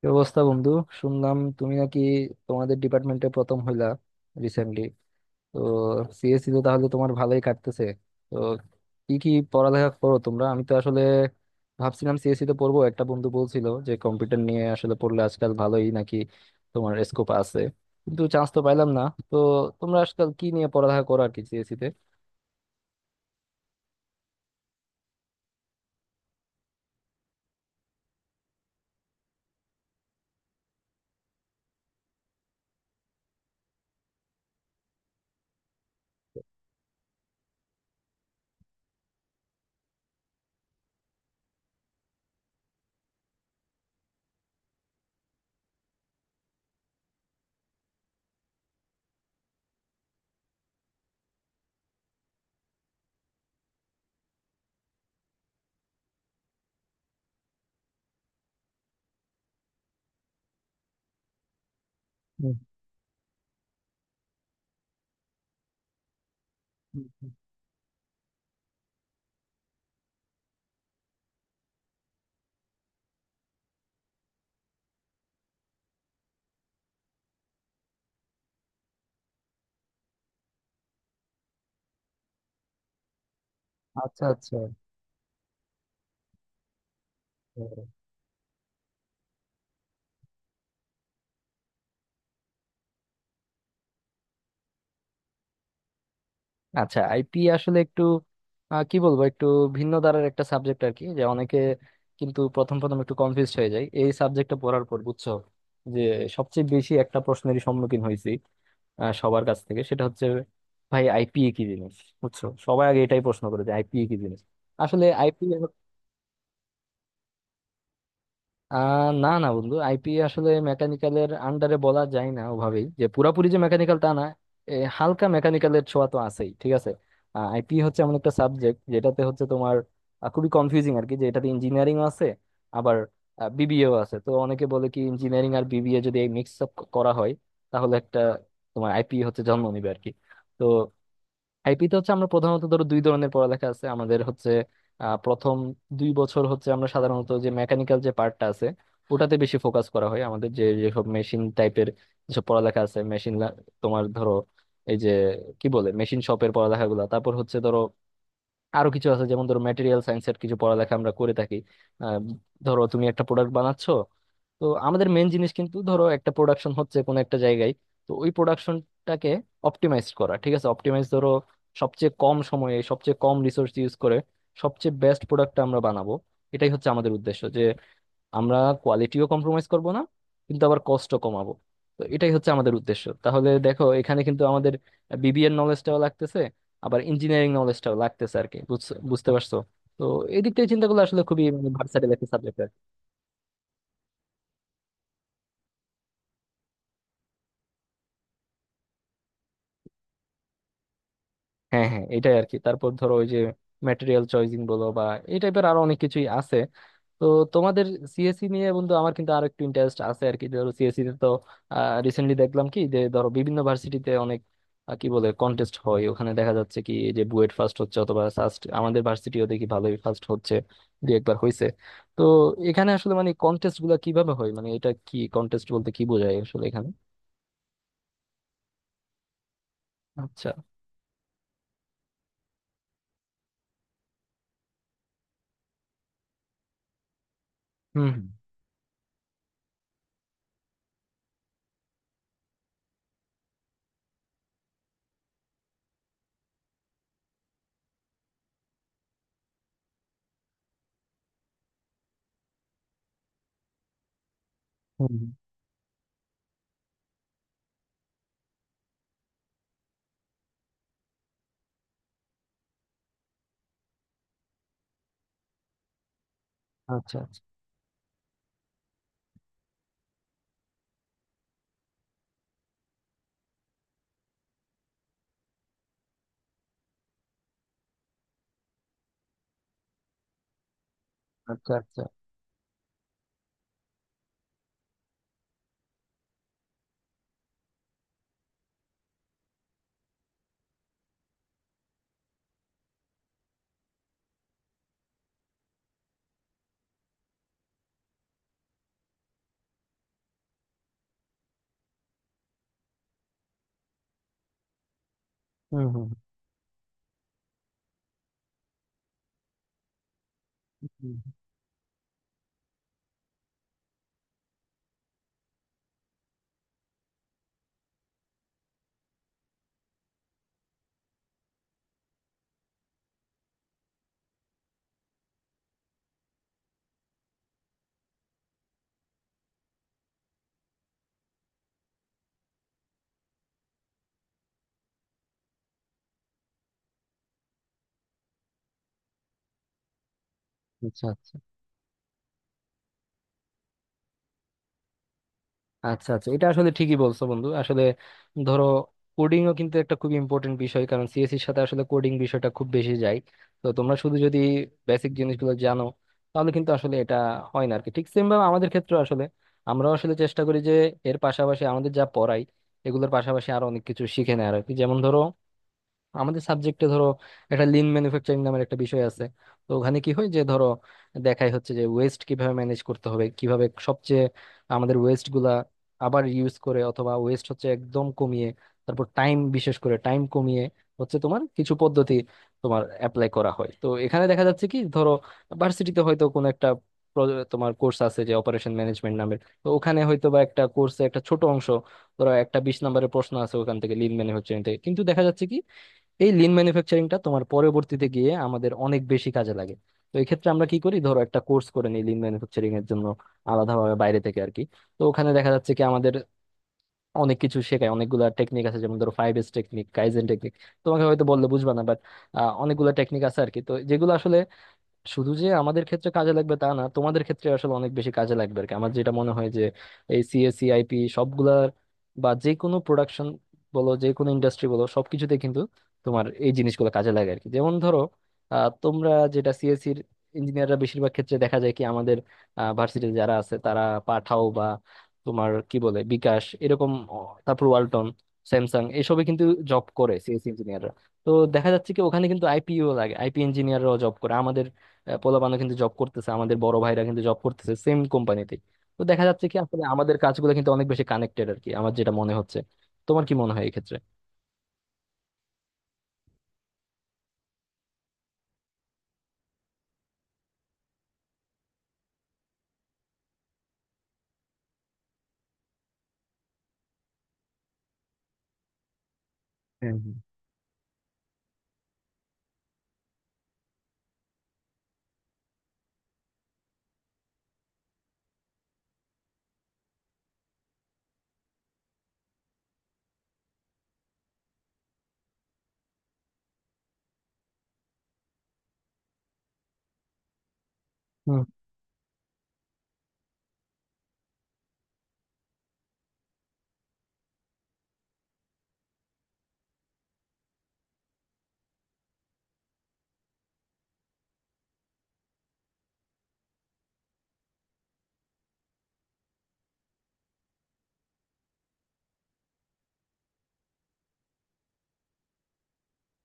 কি অবস্থা, বন্ধু? শুনলাম তুমি নাকি তোমাদের ডিপার্টমেন্টে প্রথম হইলা রিসেন্টলি। তো সিএসসি তো তাহলে তোমার ভালোই কাটতেছে। তো কি কি পড়ালেখা করো তোমরা? আমি তো আসলে ভাবছিলাম সিএসসি তে পড়বো, একটা বন্ধু বলছিল যে কম্পিউটার নিয়ে আসলে পড়লে আজকাল ভালোই নাকি তোমার স্কোপ আছে, কিন্তু চান্স তো পাইলাম না। তো তোমরা আজকাল কি নিয়ে পড়ালেখা করো আর কি সিএসসি তে? হুম, হুম, হুম। আচ্ছা আচ্ছা। আচ্ছা, আইপি আসলে একটু কি বলবো, একটু ভিন্ন ধারার একটা সাবজেক্ট আর কি, যে অনেকে কিন্তু প্রথম প্রথম একটু কনফিউজ হয়ে যায় এই সাবজেক্টটা পড়ার পর। বুঝছো, যে সবচেয়ে বেশি একটা প্রশ্নেরই সম্মুখীন হয়েছি সবার কাছ থেকে, সেটা হচ্ছে, ভাই আইপিএ কি জিনিস। বুঝছো, সবাই আগে এটাই প্রশ্ন করে যে আইপিএ কি জিনিস। আসলে আইপিএ না, না, বন্ধু, আইপি আসলে মেকানিক্যালের আন্ডারে বলা যায় না ওভাবেই, যে পুরাপুরি যে মেকানিক্যাল তা না। হালকা মেকানিক্যালের ছোঁয়া তো আছেই, ঠিক আছে। আইপি হচ্ছে এমন একটা সাবজেক্ট যেটাতে হচ্ছে তোমার খুবই কনফিউজিং আর কি, যে এটাতে ইঞ্জিনিয়ারিং আছে, আবার বিবিএও আছে। তো অনেকে বলে কি, ইঞ্জিনিয়ারিং আর বিবিএ যদি মিক্স আপ করা হয় তাহলে একটা তোমার আইপি হচ্ছে জন্ম নিবে আর কি। তো আইপিতে হচ্ছে আমরা প্রধানত ধরো দুই ধরনের পড়ালেখা আছে আমাদের। হচ্ছে প্রথম 2 বছর হচ্ছে আমরা সাধারণত যে মেকানিক্যাল যে পার্টটা আছে ওটাতে বেশি ফোকাস করা হয়। আমাদের যে যেসব মেশিন টাইপের যেসব পড়ালেখা আছে, মেশিন, তোমার ধরো এই যে কি বলে মেশিন শপের পড়ালেখাগুলো, তারপর হচ্ছে ধরো আরো কিছু আছে যেমন ধরো ম্যাটেরিয়াল সায়েন্সের কিছু পড়ালেখা আমরা করে থাকি। আহ, ধরো তুমি একটা প্রোডাক্ট বানাচ্ছ, তো আমাদের মেন জিনিস কিন্তু ধরো একটা প্রোডাকশন হচ্ছে কোনো একটা জায়গায়। তো ওই প্রোডাকশনটাকে অপটিমাইজ করা, ঠিক আছে। অপটিমাইজ ধরো সবচেয়ে কম সময়ে সবচেয়ে কম রিসোর্স ইউজ করে সবচেয়ে বেস্ট প্রোডাক্টটা আমরা বানাবো, এটাই হচ্ছে আমাদের উদ্দেশ্য, যে আমরা কোয়ালিটিও কম্প্রোমাইজ করব না, কিন্তু আবার কস্টও কমাবো। তো এটাই হচ্ছে আমাদের উদ্দেশ্য। তাহলে দেখো এখানে কিন্তু আমাদের বিবিএর নলেজটাও লাগতেছে, আবার ইঞ্জিনিয়ারিং নলেজটাও লাগতেছে আর কি। বুঝতে পারছো? তো এই দিক থেকে চিন্তা করলে আসলে খুবই ভার্সেটাইল একটা সাবজেক্ট। হ্যাঁ, হ্যাঁ, এটাই আর কি। তারপর ধরো ওই যে ম্যাটেরিয়াল চয়েজিং বলো বা এই টাইপের আরো অনেক কিছুই আছে। তো তোমাদের সিএসসি নিয়ে, বন্ধু, আমার কিন্তু আরো একটু ইন্টারেস্ট আছে আর কি। ধরো সিএসসি তে তো রিসেন্টলি দেখলাম, কি যে ধরো বিভিন্ন ভার্সিটিতে অনেক কি বলে, কন্টেস্ট হয়, ওখানে দেখা যাচ্ছে কি যে বুয়েট ফার্স্ট হচ্ছে অথবা ফার্স্ট, আমাদের ভার্সিটিও দেখি ভালোই ফার্স্ট হচ্ছে দু একবার হয়েছে। তো এখানে আসলে মানে কন্টেস্ট গুলা কিভাবে হয়, মানে এটা কি, কন্টেস্ট বলতে কি বোঝায় আসলে এখানে? আচ্ছা। হুম, হুম। হুম, হুম। আচ্ছা, আচ্ছা। আচ্ছা, আচ্ছা। হুম, হুম। আচ্ছা, আচ্ছা। আচ্ছা, আচ্ছা, এটা আসলে ঠিকই বলছো, বন্ধু। আসলে ধরো কোডিংও কিন্তু একটা খুব ইম্পর্টেন্ট বিষয়, কারণ সিএসসির সাথে আসলে কোডিং বিষয়টা খুব বেশি যায়। তো তোমরা শুধু যদি বেসিক জিনিসগুলো জানো তাহলে কিন্তু আসলে এটা হয় না আর কি। ঠিক সেম ভাবে আমাদের ক্ষেত্রে আসলে আমরা আসলে চেষ্টা করি যে এর পাশাপাশি আমাদের যা পড়াই এগুলোর পাশাপাশি আরো অনেক কিছু শিখে নেয় আর কি। যেমন ধরো আমাদের সাবজেক্টে ধরো একটা লিন ম্যানুফ্যাকচারিং নামের একটা বিষয় আছে। তো ওখানে কি হয় যে ধরো দেখাই হচ্ছে যে ওয়েস্ট কিভাবে ম্যানেজ করতে হবে, কিভাবে সবচেয়ে আমাদের ওয়েস্ট গুলা আবার ইউজ করে, অথবা ওয়েস্ট হচ্ছে একদম কমিয়ে, তারপর টাইম, বিশেষ করে টাইম কমিয়ে হচ্ছে, তোমার কিছু পদ্ধতি তোমার অ্যাপ্লাই করা হয়। তো এখানে দেখা যাচ্ছে কি, ধরো ভার্সিটিতে হয়তো কোনো একটা তোমার কোর্স আছে যে অপারেশন ম্যানেজমেন্ট নামের, তো ওখানে হয়তো বা একটা কোর্সে একটা ছোট অংশ, ধরো একটা 20 নম্বরের প্রশ্ন আছে, ওখান থেকে লিন ম্যানুফ্যাকচারিং থেকে। এই লিন ম্যানুফ্যাকচারিংটা তোমার পরবর্তীতে গিয়ে আমাদের অনেক বেশি কাজে লাগে। তো এই ক্ষেত্রে আমরা কি করি, ধরো একটা কোর্স করে নিই লিন ম্যানুফ্যাকচারিং এর জন্য আলাদাভাবে বাইরে থেকে আর কি। তো ওখানে দেখা যাচ্ছে কি আমাদের অনেক কিছু শেখায়, অনেকগুলা টেকনিক আছে, যেমন ধরো 5S টেকনিক, কাইজেন টেকনিক, তোমাকে হয়তো বললে বুঝবা না, বাট অনেকগুলা টেকনিক আছে আর কি। তো যেগুলো আসলে শুধু যে আমাদের ক্ষেত্রে কাজে লাগবে তা না, তোমাদের ক্ষেত্রে আসলে অনেক বেশি কাজে লাগবে আর কি। আমার যেটা মনে হয় যে এই সিএসি, আইপি সবগুলার, বা যে কোনো প্রোডাকশন বলো, যে কোনো ইন্ডাস্ট্রি বলো, সবকিছুতে কিন্তু তোমার এই জিনিসগুলো কাজে লাগে আর কি। যেমন ধরো তোমরা যেটা সিএসসির ইঞ্জিনিয়াররা বেশিরভাগ ক্ষেত্রে দেখা যায় কি, আমাদের ভার্সিটিতে যারা আছে, তারা পাঠাও বা তোমার কি বলে বিকাশ, এরকম তারপর ওয়ালটন, স্যামসাং, এসবে কিন্তু জব করে সিএসসি ইঞ্জিনিয়াররা। তো দেখা যাচ্ছে কি ওখানে কিন্তু আইপিও লাগে, আইপি ইঞ্জিনিয়াররাও জব করে, পোলাপানও কিন্তু জব করতেছে, আমাদের বড় ভাইরা কিন্তু জব করতেছে সেম কোম্পানিতে। তো দেখা যাচ্ছে কি আসলে আমাদের কাজগুলো কিন্তু অনেক বেশি কানেক্টেড আর কি, আমার যেটা মনে হচ্ছে। তোমার কি মনে হয় এক্ষেত্রে? হ্যাঁ, হ্যাঁ। হুম,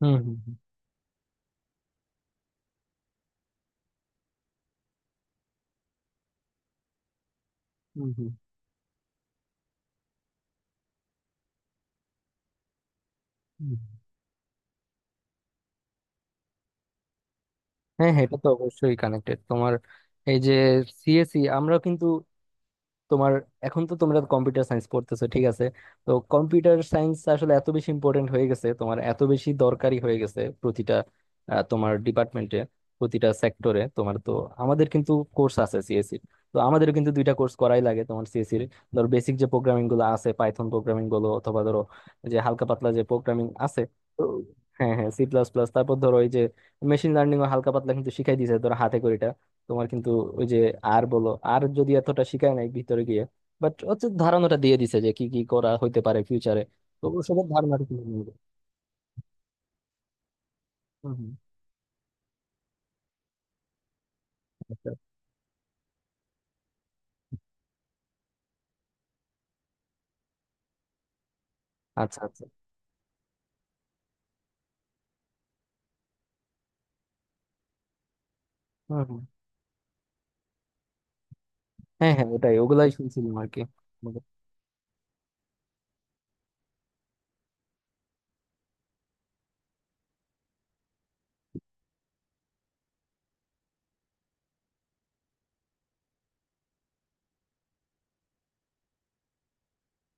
হুম। হুম, হুম, হুম, হুম। হুম। হ্যাঁ, হ্যাঁ, এটা তো অবশ্যই কানেক্টেড। তোমার এই যে সিএসি, আমরা কিন্তু তোমার এখন তো তোমরা কম্পিউটার সায়েন্স পড়তেছো, ঠিক আছে। তো কম্পিউটার সায়েন্স আসলে এত বেশি ইম্পর্টেন্ট হয়ে গেছে, তোমার এত বেশি দরকারি হয়ে গেছে প্রতিটা তোমার ডিপার্টমেন্টে, প্রতিটা সেক্টরে। তোমার তো আমাদের কিন্তু কোর্স আছে সিএসসি, তো আমাদের কিন্তু দুইটা কোর্স করাই লাগে তোমার সিএসসি এর। ধর বেসিক যে প্রোগ্রামিং গুলো আছে পাইথন প্রোগ্রামিং গুলো, অথবা ধরো যে হালকা পাতলা যে প্রোগ্রামিং আছে। তো হ্যাঁ, হ্যাঁ, C++, তারপর ধরো ওই যে মেশিন লার্নিং ও হালকা পাতলা কিন্তু শিখাই দিয়েছে ধরো হাতে করে। তোমার কিন্তু ওই যে, আর বলো আর যদি এতটা শিখায় নাই ভিতরে গিয়ে, বাট হচ্ছে ধারণাটা দিয়ে দিছে যে কি কি করা হইতে পারে ফিউচারে। তো ওসবের ধারণাটা তুলে নিয়ে গেছে। হুম, হুম। আচ্ছা, আচ্ছা, আচ্ছা। হুম, হুম। হ্যাঁ, হ্যাঁ, ওটাই, ওগুলাই শুনছিলাম আর কি। হুম,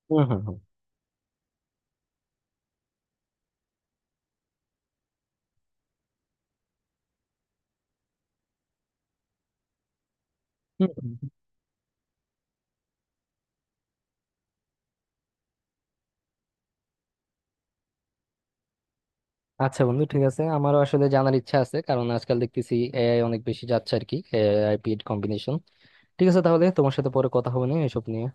হুম। হুম, হুম, হুম। হুম। আচ্ছা, বন্ধু, ঠিক আছে, আমারও আসলে জানার ইচ্ছা আছে, কারণ আজকাল দেখতেছি এআই অনেক বেশি যাচ্ছে আর কি, এআই পিড কম্বিনেশন। ঠিক আছে, তাহলে তোমার সাথে পরে কথা হবে না এসব নিয়ে।